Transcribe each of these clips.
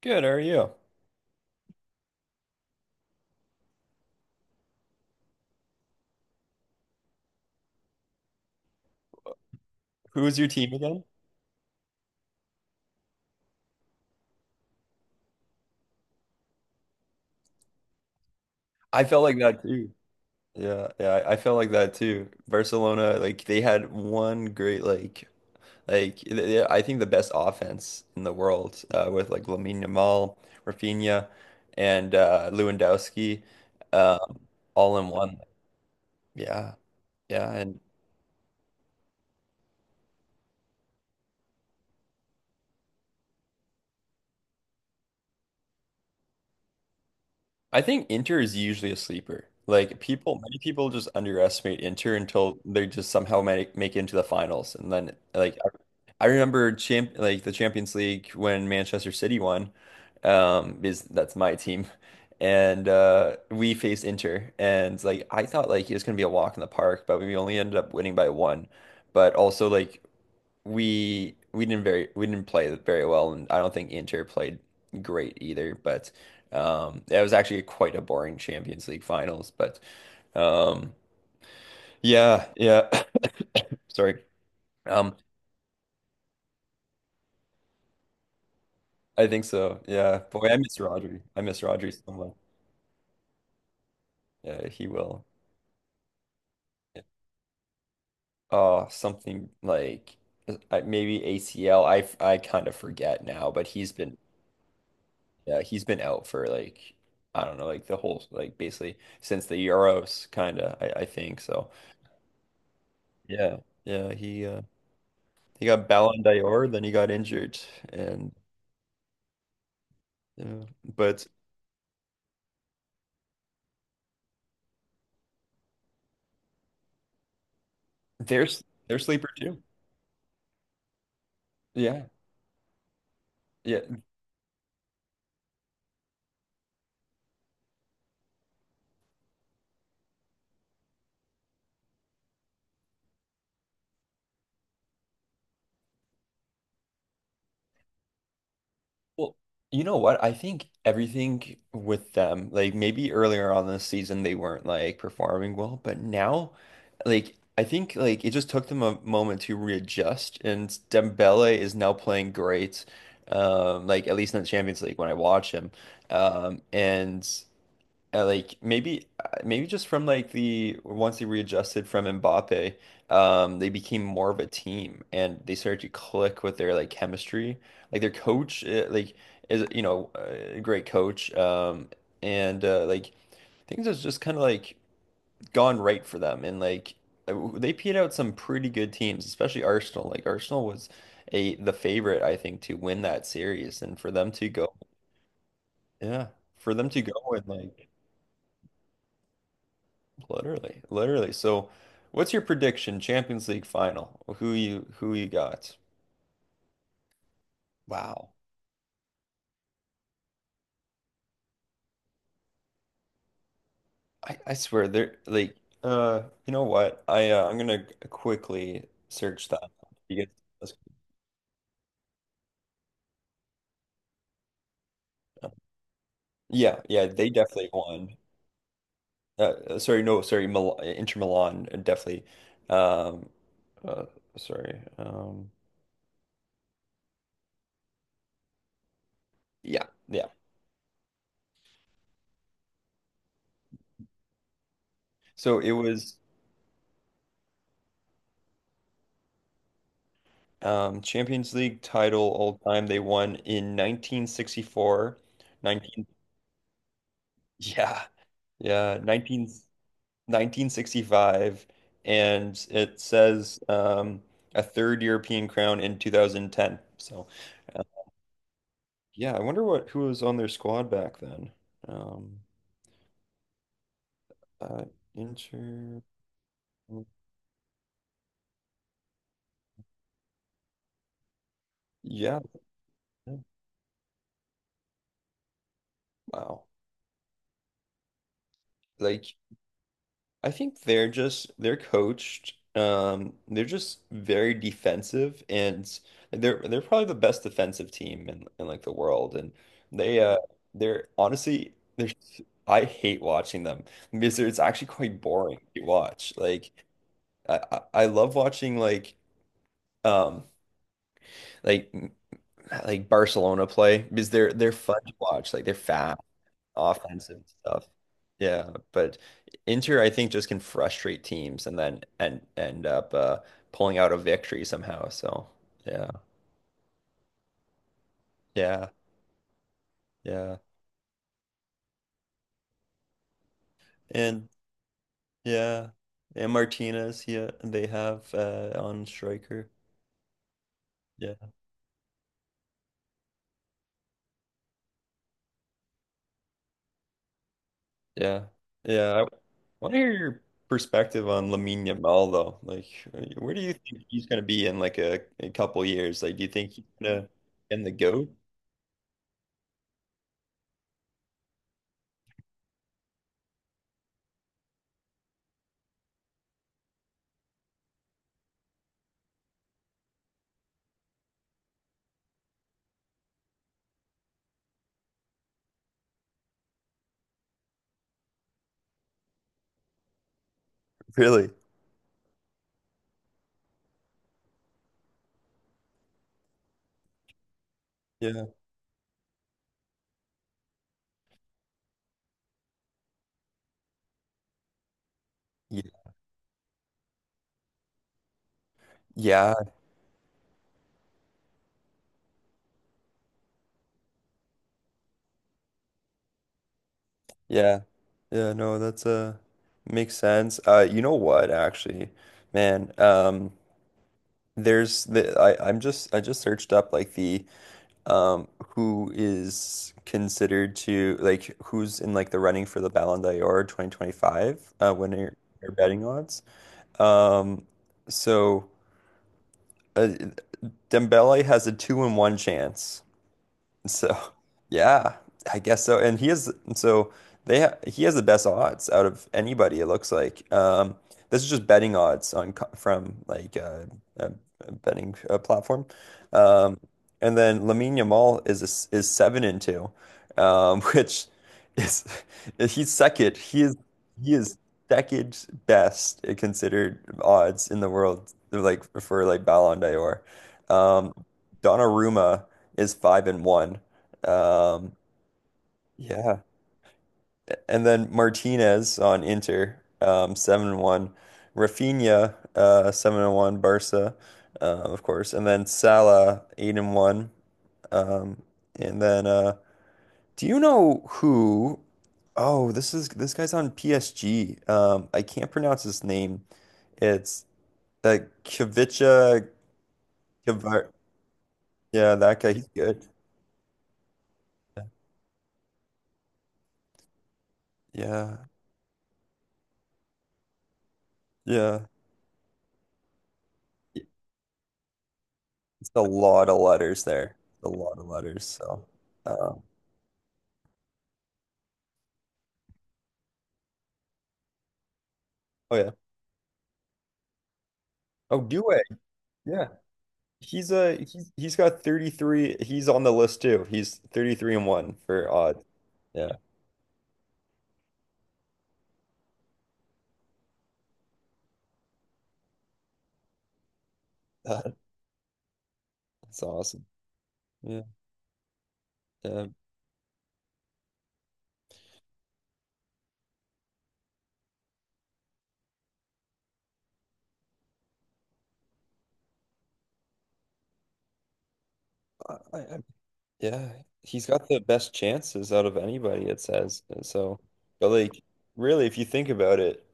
Good, how are you? Who was your team again? I felt like that too. Yeah, yeah, I felt like that too. Barcelona, like they had one great like I think the best offense in the world with like Lamine Yamal, Rafinha, and Lewandowski, um, all in one. Yeah, yeah, and I think Inter is usually a sleeper. Like people, many people just underestimate Inter until they just somehow make it into the finals, and then like I remember champ like the Champions League when Manchester City won. Is that's my team, and we faced Inter, and like I thought like it was gonna be a walk in the park, but we only ended up winning by one. But also like we didn't play very well, and I don't think Inter played great either. But It was actually quite a boring Champions League finals. But um, yeah, yeah. Sorry. Um, I think so. Yeah, boy, I miss Rodri. I miss Rodri so much. Yeah, he will. Yeah. Oh, something like maybe ACL. I kind of forget now, but he's been. Yeah, he's been out for like I don't know, like the whole like basically since the Euros kinda, I think. So yeah, yeah, he got Ballon d'Or, then he got injured and yeah. But there's sleeper too. Yeah. Yeah. Well, you know what? I think everything with them, like maybe earlier on this season, they weren't like performing well, but now, like, I think like it just took them a moment to readjust, and Dembele is now playing great. Like at least in the Champions League when I watch him. And like maybe just from like the once they readjusted from Mbappe, they became more of a team and they started to click with their like chemistry. Like their coach, like is a great coach, and like things has just kind of like gone right for them, and like they peed out some pretty good teams, especially Arsenal. Like Arsenal was a the favorite I think to win that series and for them to go, yeah, for them to go and like. Literally, literally. So, what's your prediction? Champions League final. Who you got? Wow. I swear they're like you know what? I'm gonna quickly search that up because yeah, yeah, they definitely won. Uh, Sorry, no, sorry, Mil Inter Milan definitely. Um, uh, Sorry. Yeah, yeah. So it was Champions League title all time. They won in 1964. Yeah, yeah, 1965, and it says a third European crown in 2010. So, uh, yeah, I wonder what who was on their squad back then. Um, uh, Inter, yeah, yeah, wow. Like I think they're coached. They're just very defensive, and they're probably the best defensive team in like the world. And they they're honestly they're s- I hate watching them because it's actually quite boring to watch. Like I love watching like um like like Barcelona play because they're fun to watch. Like they're fast offensive stuff. Yeah, but Inter, I think, just can frustrate teams and then and end up pulling out a victory somehow. So yeah, yeah, yeah, and yeah, and Martinez, yeah, they have on striker. Yeah, yeah, yeah. I want to hear your perspective on Lamine Yamal though. Like, where do you think he's going to be in like a couple years? Like, do you think he's gonna end the GOAT? Really? Yeah. Yeah. Yeah. Yeah. Yeah, no, that's makes sense. You know what actually, man, there's the I just searched up like the um who is considered to like who's in like the running for the Ballon d'Or 2025 winner or betting odds. Um so uh, Dembele has a 2 in 1 chance. So, yeah, I guess so. And he is so they ha he has the best odds out of anybody. It looks like. This is just betting odds on from like a, a betting platform. Um, and then Lamine Yamal is a s is 7-2, which is he's second. He is second best considered odds in the world. Like for like Ballon d'Or. Um, Donnarumma is 5-1. Um, yeah, and then Martinez on Inter, 7-1. Rafinha, 7-1. Barca, of course, and then Salah, 8-1. Um, and then, do you know who? Oh, this guy's on PSG. I can't pronounce his name. It's that Kvicha Kvar. Yeah, that guy. He's good. Yeah, yeah. It's a lot of letters there. A lot of letters. So, uh, oh yeah. Oh, Doué. Yeah. He's got 33. He's on the list too. He's 33-1 for odds. Yeah. That's awesome. Yeah. Yeah. I, I, yeah. He's got the best chances out of anybody, it says. So, but like really, if you think about it,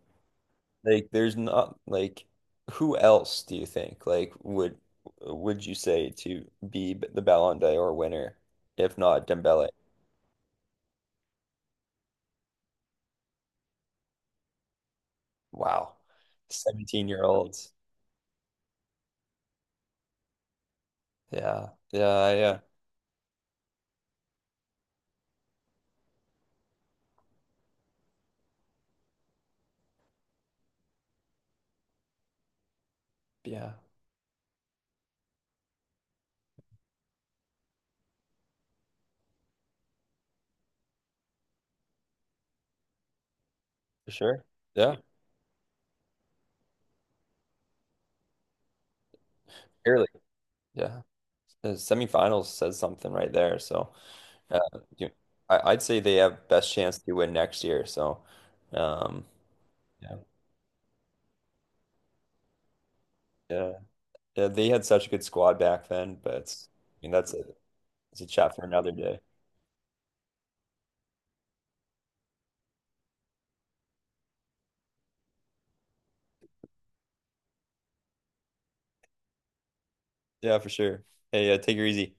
like, there's not like who else do you think like would you say to be the Ballon d'Or winner if not Dembele? Wow, 17-year-olds. Yeah, yeah, yeah, yeah, for sure. Yeah, clearly. Yeah, the semifinals says something right there. So, uh, you- I'd say they have best chance to win next year. So, um, yeah, yeah, yeah, they had such a good squad back then, but it's, I mean that's a it's a chat for another day. Yeah, for sure. Hey, take her easy.